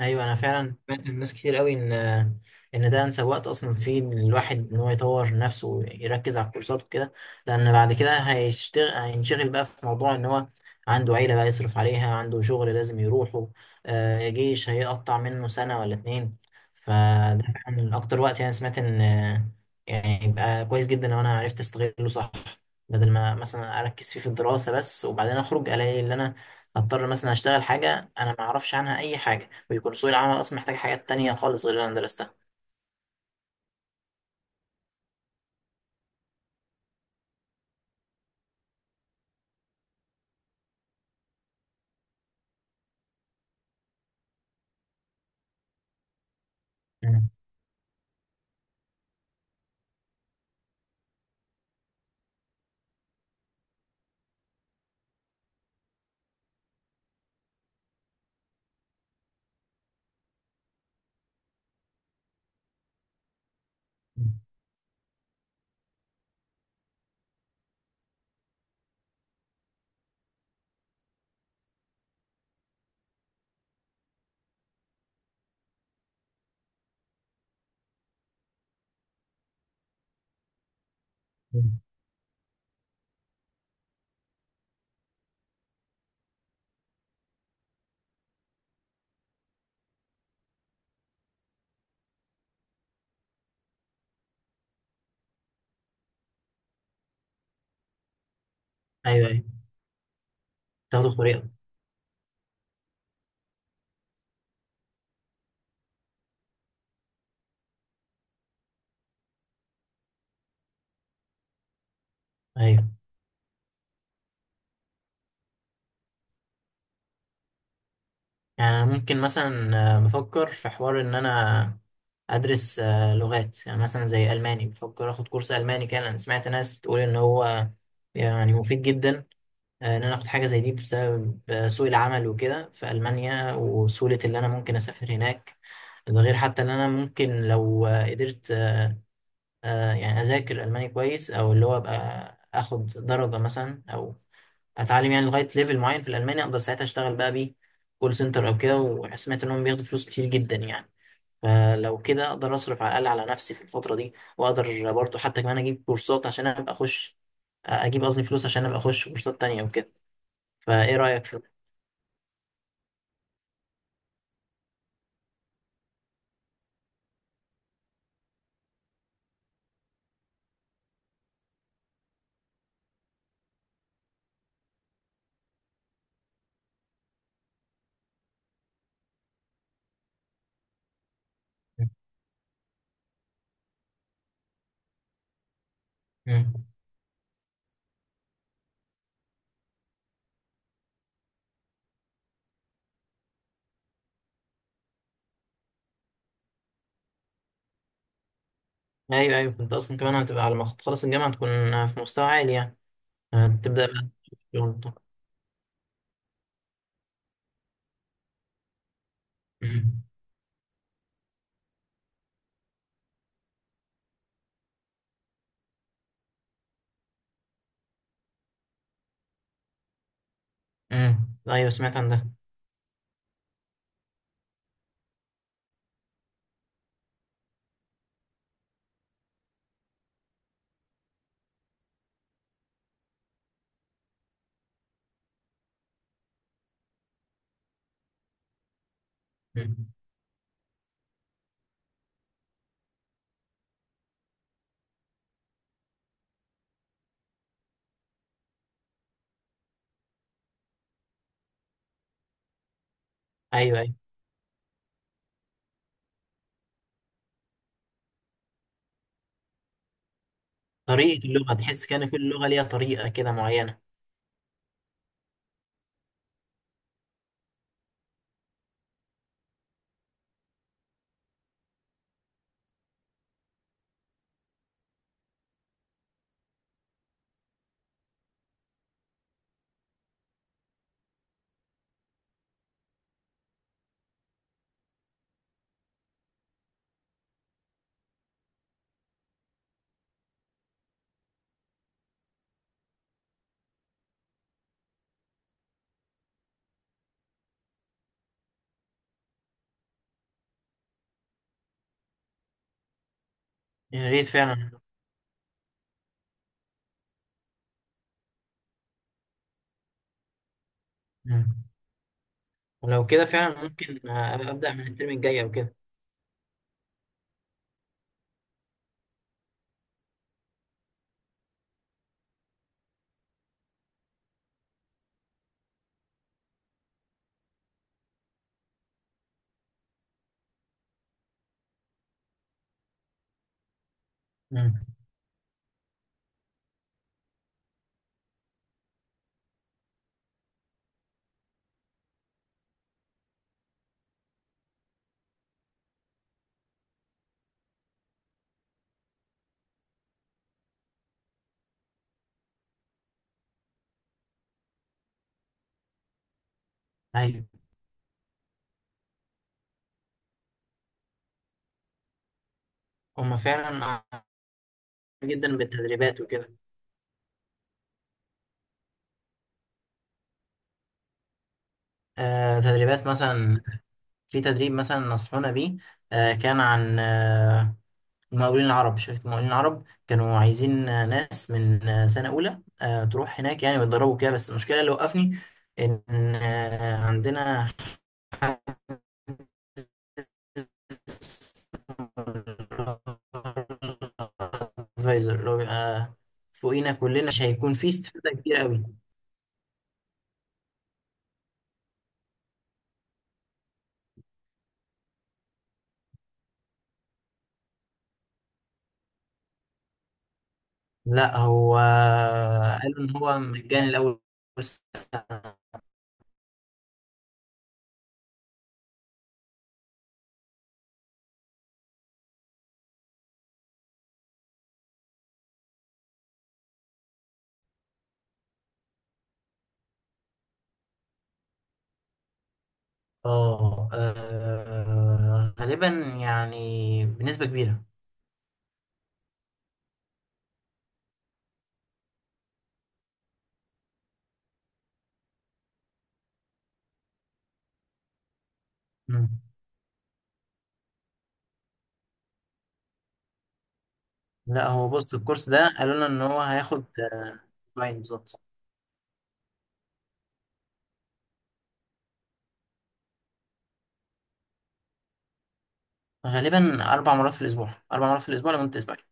ايوه، انا فعلا سمعت من ناس كتير قوي ان ده انسب وقت اصلا فيه، إن الواحد ان هو يطور نفسه ويركز على الكورسات وكده. لان بعد كده هينشغل بقى في موضوع ان هو عنده عيله بقى يصرف عليها، عنده شغل لازم يروحه، جيش هيقطع منه سنه ولا اتنين. فده فعلا اكتر وقت، يعني سمعت ان يعني يبقى كويس جدا لو انا عرفت استغله صح، بدل ما مثلا اركز فيه في الدراسه بس، وبعدين اخرج الاقي ان انا اضطر مثلا اشتغل حاجه انا ما اعرفش عنها اي حاجه، بيكون سوق العمل اصلا محتاج حاجات تانية خالص غير اللي انا درستها. مم. مم. ايوه، ايوه، تاخده بطريقه. ايوه، يعني أنا ممكن مثلا بفكر في حوار ان انا ادرس لغات، يعني مثلا زي الماني. بفكر اخد كورس الماني، كان انا سمعت ناس بتقول ان هو يعني مفيد جدا. ان انا اخد حاجه زي دي بسبب سوق العمل وكده في المانيا، وسهوله اللي انا ممكن اسافر هناك. ده غير حتى ان انا ممكن لو قدرت، يعني اذاكر الماني كويس، او اللي هو ابقى اخد درجه مثلا، او اتعلم يعني لغايه ليفل معين في الالماني، اقدر ساعتها اشتغل بقى بيه كول سنتر او كده. وسمعت انهم بياخدوا فلوس كتير جدا يعني. فلو كده اقدر اصرف على الاقل على نفسي في الفتره دي، واقدر برضه حتى كمان اجيب كورسات عشان ابقى اخش، اجيب، قصدي فلوس عشان ابقى اخش كورسات تانية وكده. فايه رايك في؟ مم. ايوه، ايوه، كنت اصلا كمان هتبقى على ما تخلص الجامعه تكون في مستوى عالي يعني، هتبدا بقى شغل. مم. امم، ايوه سمعت عن ده. مم. ايوه، ايوه، طريقة اللغة، تحس كأن كل لغة ليها طريقة كده معينة. يا ريت فعلا. مم. ولو كده فعلا ممكن أبدأ من الترم الجاي أو كده. مم. أيوه. هما فعلا عارفين جدا بالتدريبات وكده. تدريبات مثلا، في تدريب مثلا نصحونا بيه، كان عن المقاولين العرب، شركة المقاولين العرب كانوا عايزين ناس من سنة أولى تروح هناك يعني، ويتدربوا كده، بس المشكلة اللي وقفني إن عندنا فايزر اللي هو بيبقى فوقينا كلنا، مش هيكون فيه استفادة كتير قوي. لا هو قالوا ان هو مجاني الاول سنة. اه، غالبا يعني بنسبة كبيرة. مم. لا، هو بص الكورس ده قالوا لنا ان هو هياخد اسبوعين بالظبط، غالبا 4 مرات في الاسبوع، 4 مرات في الاسبوع لمدة اسبوعين.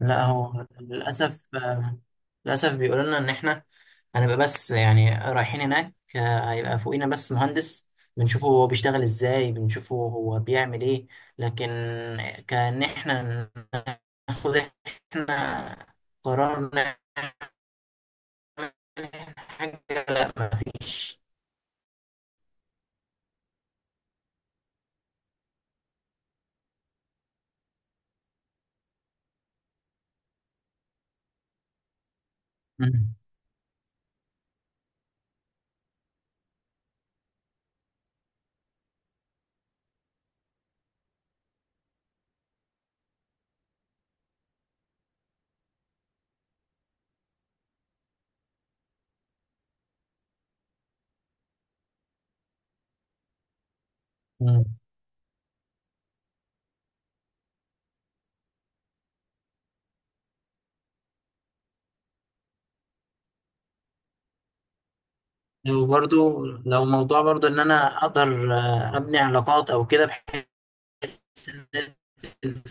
لا، هو للأسف، للأسف بيقولوا لنا إن إحنا هنبقى بس، يعني رايحين هناك هيبقى فوقينا بس مهندس، بنشوفه هو بيشتغل إزاي، بنشوفه هو بيعمل إيه، لكن كأن إحنا ناخد قرار نعمل حاجة. لا، مفيش. مم. مم. وبرضو لو موضوع برضو إن أنا أقدر أبني علاقات أو كده، بحيث إن...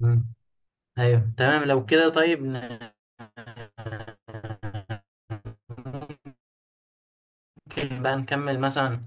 مم. ايوه تمام لو كده. طيب، ممكن بقى نكمل مثلا.